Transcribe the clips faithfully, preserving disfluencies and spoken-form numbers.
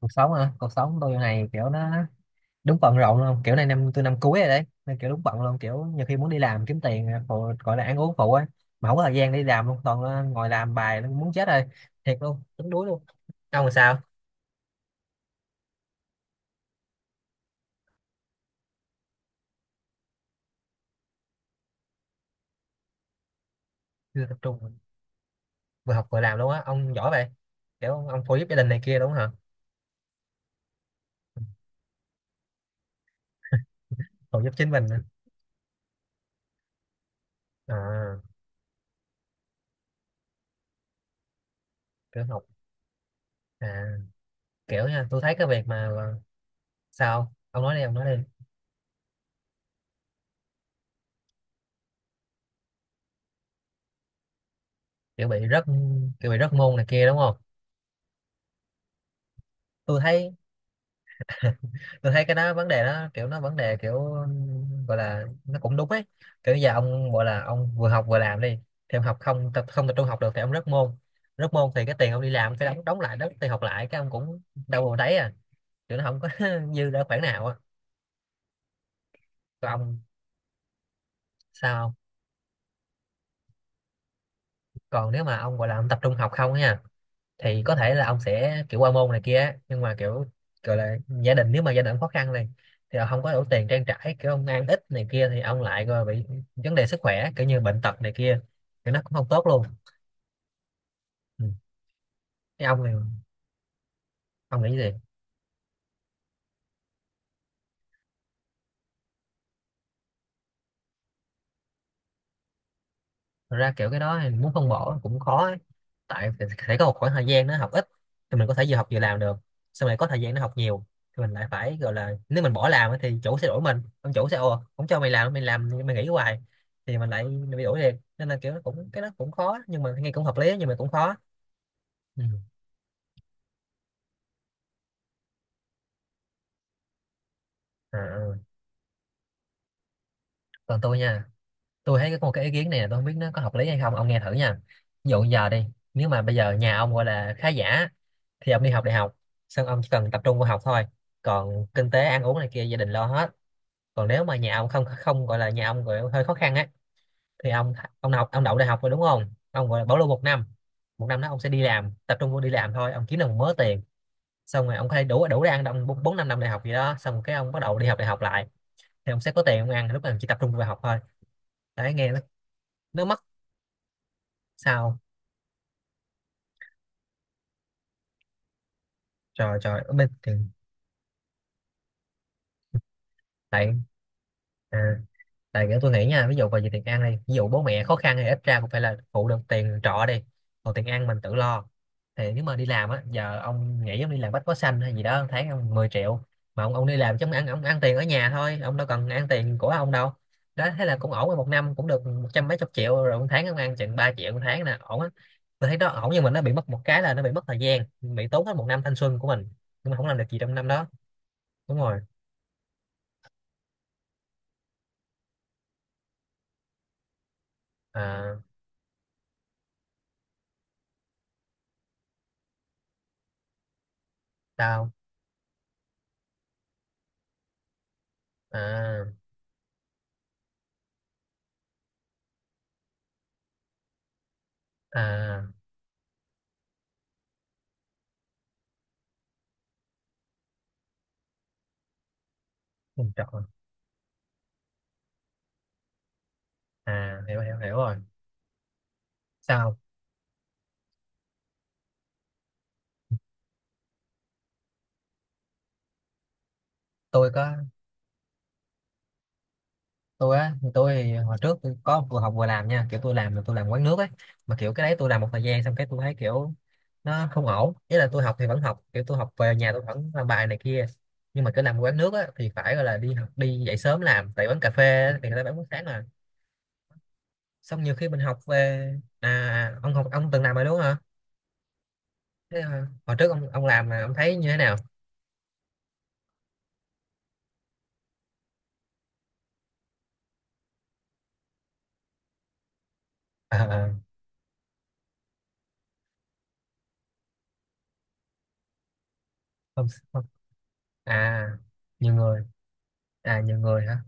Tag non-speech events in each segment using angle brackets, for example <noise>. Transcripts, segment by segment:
Cuộc sống hả? Cuộc sống tôi này kiểu nó đúng bận rộn luôn, kiểu này năm tôi năm cuối rồi đấy, nên kiểu đúng bận luôn, kiểu nhiều khi muốn đi làm kiếm tiền phụ, gọi là ăn uống phụ á, mà không có thời gian đi làm luôn, toàn là ngồi làm bài nó muốn chết rồi, thiệt luôn, tính đuối luôn. Ông làm sao? Chưa tập trung? Vừa học vừa làm luôn á, ông giỏi vậy. Kiểu ông phụ giúp gia đình này kia đúng không hả? Phụ giúp chính mình nữa. À, kiểu học. À, kiểu nha, tôi thấy cái việc mà ờ, sao ông nói đi, ông nói đi. Kiểu bị rớt, kiểu bị rớt môn này kia đúng không? Tôi thấy <laughs> tôi thấy cái đó vấn đề, đó kiểu nó vấn đề, kiểu gọi là nó cũng đúng ấy. Kiểu giờ ông gọi là ông vừa học vừa làm đi, thì ông học không, tập không tập trung học được, thì ông rớt môn. Rớt môn thì cái tiền ông đi làm phải đóng đóng lại đó, tiền học lại, cái ông cũng đâu mà thấy à, kiểu nó không có <laughs> dư ra khoản nào á. Còn ông sao không? Còn nếu mà ông gọi là ông tập trung học không á nha, thì có thể là ông sẽ kiểu qua môn này kia á, nhưng mà kiểu gọi là gia đình, nếu mà gia đình khó khăn này, thì ông không có đủ tiền trang trải, kiểu ông ăn ít này kia thì ông lại rồi bị vấn đề sức khỏe, kiểu như bệnh tật này kia, thì nó cũng không tốt luôn. Ừ. Thế ông thì ông nghĩ gì? Thật ra kiểu cái đó thì muốn phân bổ cũng khó ấy. Tại phải phải có một khoảng thời gian nó học ít thì mình có thể vừa học vừa làm được, xong rồi có thời gian nó học nhiều thì mình lại phải, gọi là nếu mình bỏ làm ấy thì chủ sẽ đuổi mình, ông chủ sẽ ồ không cho mày làm, mày làm mày nghỉ hoài thì mình lại bị đuổi liền. Nên là kiểu nó cũng, cái nó cũng khó, nhưng mà nghe cũng hợp lý, nhưng mà cũng khó. Ừ. À, ừ. Còn tôi nha, tôi thấy có một cái ý kiến này, là tôi không biết nó có hợp lý hay không, ông nghe thử nha. Ví dụ giờ đi, nếu mà bây giờ nhà ông gọi là khá giả, thì ông đi học đại học, xong ông chỉ cần tập trung vào học thôi, còn kinh tế ăn uống này kia gia đình lo hết. Còn nếu mà nhà ông không không gọi là, nhà ông gọi là hơi khó khăn á, thì ông ông học ông đậu đại học rồi đúng không, ông gọi là bảo lưu một năm. Một năm đó ông sẽ đi làm, tập trung vô đi làm thôi, ông kiếm được một mớ tiền, xong rồi ông có thể đủ, đủ để ăn năm, bốn bốn năm năm đại học gì đó, xong cái ông bắt đầu đi học đại học lại, thì ông sẽ có tiền ông ăn. Lúc này ông chỉ tập trung vào học thôi, đấy nghe nó nó mất. Sao? Trời trời, ở bên thì tại, à, tại kiểu tôi nghĩ nha, ví dụ vào về tiền ăn đi, ví dụ bố mẹ khó khăn thì ít ra cũng phải là phụ được tiền trọ đi, còn tiền ăn mình tự lo. Thì nếu mà đi làm á, giờ ông nghĩ ông đi làm bách hóa xanh hay gì đó, một tháng ông mười triệu, mà ông ông đi làm chống ăn, ông ăn tiền ở nhà thôi, ông đâu cần ăn tiền của ông đâu. Đó, thế là cũng ổn rồi, một năm cũng được một trăm mấy chục triệu rồi, một tháng ông ăn chừng ba triệu một tháng nè, ổn á. Tôi thấy đó ổn, nhưng mà nó bị mất một cái là nó bị mất thời gian, bị tốn hết một năm thanh xuân của mình, nhưng mà không làm được gì trong năm đó. Đúng rồi. À, sao? À à mình chọn. À, hiểu hiểu hiểu rồi. Sao? Tôi có. Tôi á, tôi thì hồi trước tôi có vừa học vừa làm nha, kiểu tôi làm là tôi làm quán nước ấy. Mà kiểu cái đấy tôi làm một thời gian xong cái tôi thấy kiểu nó không ổn. Ý là tôi học thì vẫn học, kiểu tôi học về nhà tôi vẫn làm bài này kia, nhưng mà cứ làm quán nước á thì phải gọi là đi học, đi dậy sớm làm tại quán cà phê á, thì người ta bán buổi sáng mà. Xong nhiều khi mình học về. À à, ông học, ông từng làm rồi đúng không hả? Thế, à, hồi trước ông ông làm là ông thấy như thế nào? Ờ, ờ, không. À, nhiều người. À nhiều người hả?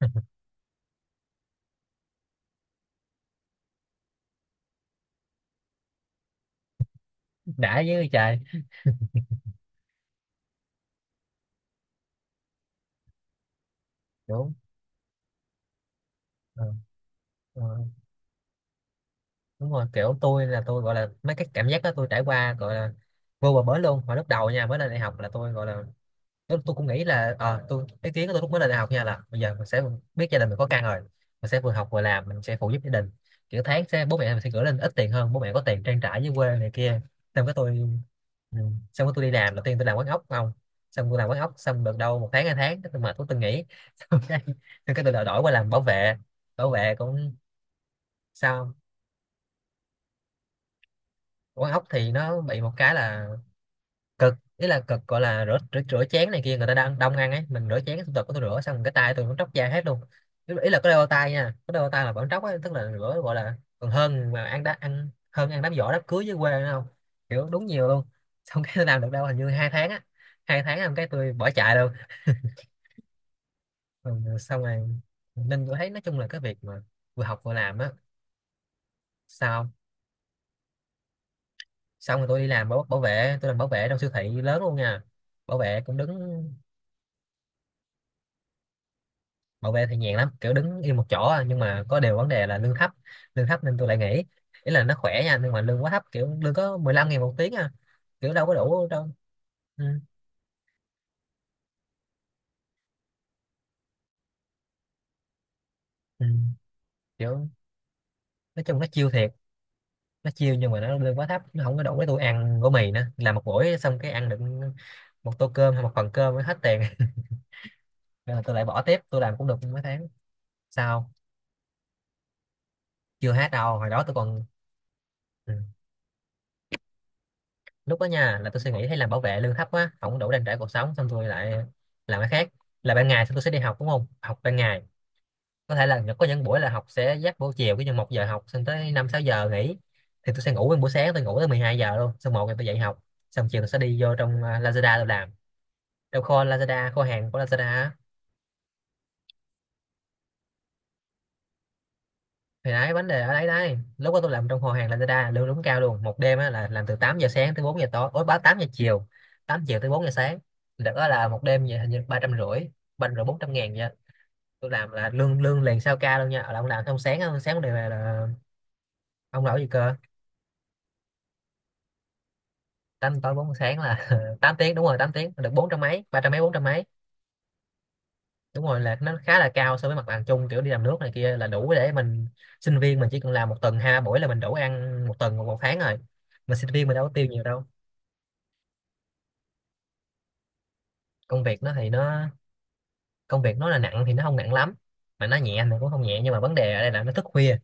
<laughs> Đã với trời. Đúng. Ờ, ờ, đúng rồi, kiểu tôi là tôi gọi là mấy cái cảm giác đó tôi trải qua, gọi là vô bờ bến luôn. Hồi lúc đầu nha, mới lên đại học là tôi gọi là, nếu tôi cũng nghĩ là ờ, tôi, cái kiến của tôi lúc mới lên đại học nha, là bây giờ mình sẽ biết gia đình mình có căng rồi, mình sẽ vừa học vừa làm, mình sẽ phụ giúp gia đình, kiểu tháng sẽ, bố mẹ mình sẽ gửi lên ít tiền hơn, bố mẹ có tiền trang trải dưới quê này kia. Xong cái tôi, ừ, xong cái tôi đi làm đầu tiên, tôi làm quán ốc không. Xong tôi làm quán ốc xong được đâu một tháng, hai tháng, cái tôi mệt, tôi tôi nghỉ <laughs> xong cái, xong cái tôi đổi qua làm bảo vệ. Bảo vệ cũng, sao? Quán ốc thì nó bị một cái là cực. Ý là cực, gọi là rửa rửa, rửa chén này kia, người ta đang đông ăn ấy, mình rửa chén, tôi tôi rửa xong cái tay tôi cũng tróc da hết luôn. Ý ý là có đeo bao tay nha, có đeo bao tay là vẫn tróc ấy, tức là rửa gọi là còn hơn mà ăn đá, ăn hơn ăn đám giỗ đám cưới dưới quê nữa không. Kiểu đúng nhiều luôn. <laughs> Xong cái tôi làm được đâu hình như hai tháng á, hai tháng làm cái tôi bỏ chạy luôn. Ừ, xong rồi nên tôi thấy nói chung là cái việc mà vừa học vừa làm á. Sao không? Xong rồi tôi đi làm bảo, bảo vệ, tôi làm bảo vệ trong siêu thị lớn luôn nha. Bảo vệ cũng đứng. Bảo vệ thì nhàn lắm, kiểu đứng yên một chỗ à, nhưng mà có điều vấn đề là lương thấp. Lương thấp nên tôi lại nghỉ. Ý là nó khỏe nha, nhưng mà lương quá thấp, kiểu lương có mười lăm ngàn một tiếng à, kiểu đâu có đủ đâu. Ừ. Ừ. Kiểu nói chung nó chiêu thiệt. Nó chiêu, nhưng mà nó lương quá thấp, nó không có đủ để tôi ăn gói mì nữa, làm một buổi xong cái ăn được một tô cơm hay một phần cơm mới hết tiền <laughs> nên là tôi lại bỏ tiếp. Tôi làm cũng được mấy tháng sau. Chưa hết đâu, hồi đó tôi còn. Ừ. Lúc đó nha là tôi suy nghĩ thấy làm bảo vệ lương thấp quá, không đủ trang trải cuộc sống, xong tôi lại làm cái khác. Là ban ngày, xong tôi sẽ đi học đúng không, học ban ngày, có thể là có những buổi là học sẽ giáp buổi chiều, cái như một giờ học xong tới năm sáu giờ nghỉ, thì tôi sẽ ngủ nguyên buổi sáng, tôi ngủ tới mười hai giờ luôn, xong một giờ tôi dậy học, xong chiều tôi sẽ đi vô trong à, Lazada tôi làm, trong kho Lazada, kho hàng của Lazada á. Thì đấy vấn đề ở đấy đấy, lúc đó tôi làm trong kho hàng Lazada lương đúng cao luôn, một đêm á, là làm từ tám giờ sáng tới bốn giờ tối, ối báo tám giờ chiều, tám giờ tới bốn giờ sáng, được đó, là một đêm vậy hình như ba trăm rưỡi, ba trăm rưỡi bốn trăm ngàn nha. Tôi làm là lương lương liền, sao ca luôn nha, là ông làm xong sáng á, sáng này về là. Ông làm gì cơ? Tám tối bốn giờ sáng là <laughs> tám tiếng đúng rồi, tám tiếng được bốn trăm mấy, ba trăm mấy, bốn trăm mấy. Đúng rồi, là nó khá là cao so với mặt bằng chung, kiểu đi làm nước này kia, là đủ để mình, sinh viên mình chỉ cần làm một tuần hai ba buổi là mình đủ ăn một tuần, một một tháng rồi, mà sinh viên mình đâu có tiêu nhiều đâu. Công việc nó thì nó, công việc nó là nặng thì nó không nặng lắm, mà nó nhẹ thì cũng không nhẹ, nhưng mà vấn đề ở đây là nó thức khuya.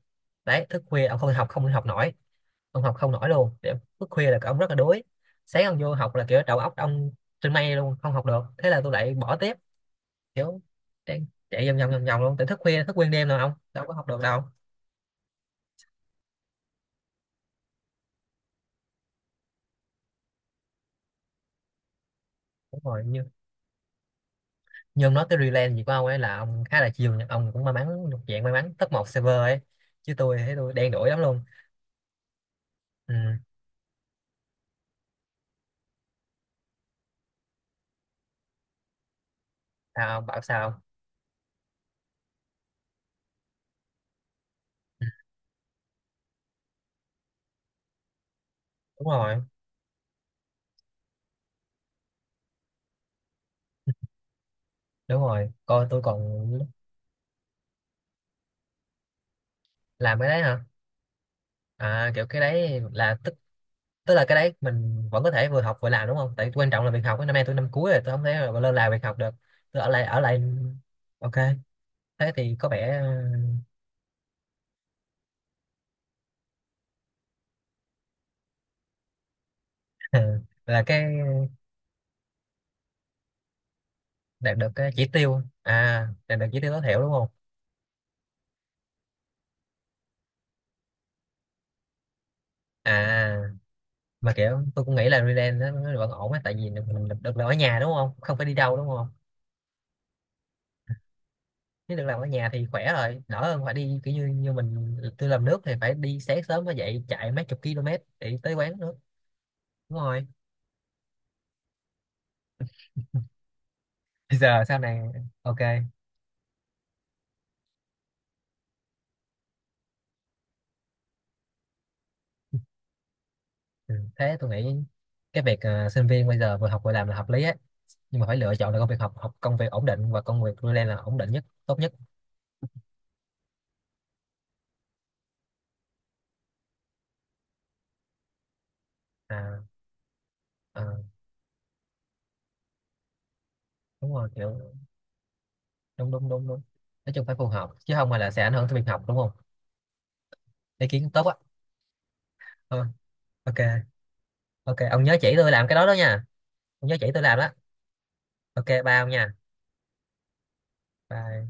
Đấy thức khuya ông không học, không học nổi, ông học không nổi luôn. Kiểu thức khuya là ông rất là đuối, sáng ông vô học là kiểu đầu óc ông trên mây luôn, không học được, thế là tôi lại bỏ tiếp. Kiểu chạy, chạy vòng vòng vòng vòng luôn, tới thức khuya thức nguyên đêm rồi ông đâu có học được đâu. Đúng rồi, như như ông nói tới Relay gì của ông ấy, là ông khá là chiều nha. Ông cũng may mắn, thuộc dạng may mắn top một server ấy, chứ tôi thấy tôi đen đủi lắm luôn. Ừ. Sao ông bảo sao? Đúng rồi, đúng rồi, coi tôi còn làm cái đấy hả. À, kiểu cái đấy là tức, tức là cái đấy mình vẫn có thể vừa học vừa làm đúng không, tại quan trọng là việc học ấy. Năm nay tôi năm cuối rồi, tôi không thể mà lơ là việc học được. Tôi ở lại ở lại. Ok, thế thì có vẻ. ờ, <laughs> là cái đạt được cái chỉ tiêu, à đạt được chỉ tiêu tối thiểu đúng không? À, mà kiểu tôi cũng nghĩ là freelance nó nó vẫn ổn á, tại vì mình được, được làm ở nhà đúng không, không phải đi đâu đúng không. Nếu được làm ở nhà thì khỏe rồi, đỡ hơn phải đi kiểu như, như mình tôi làm nước thì phải đi sáng sớm mới dậy, chạy mấy chục km để tới quán nước. Đúng rồi. Bây giờ sau này. Ok. Ừ. Thế tôi nghĩ cái việc ờ, sinh viên bây giờ vừa học vừa làm là hợp lý ấy, nhưng mà phải lựa chọn được công việc học, học công việc ổn định, và công việc freelance là ổn định nhất, tốt nhất. À, à đúng rồi, kiểu đúng đúng đúng đúng, nói chung phải phù hợp, chứ không mà là sẽ ảnh hưởng tới việc học đúng không. Ý kiến tốt á. Thôi, ok. Ok ông nhớ chỉ tôi làm cái đó đó nha. Ông nhớ chỉ tôi làm đó. Ok ba ông nha. Bye.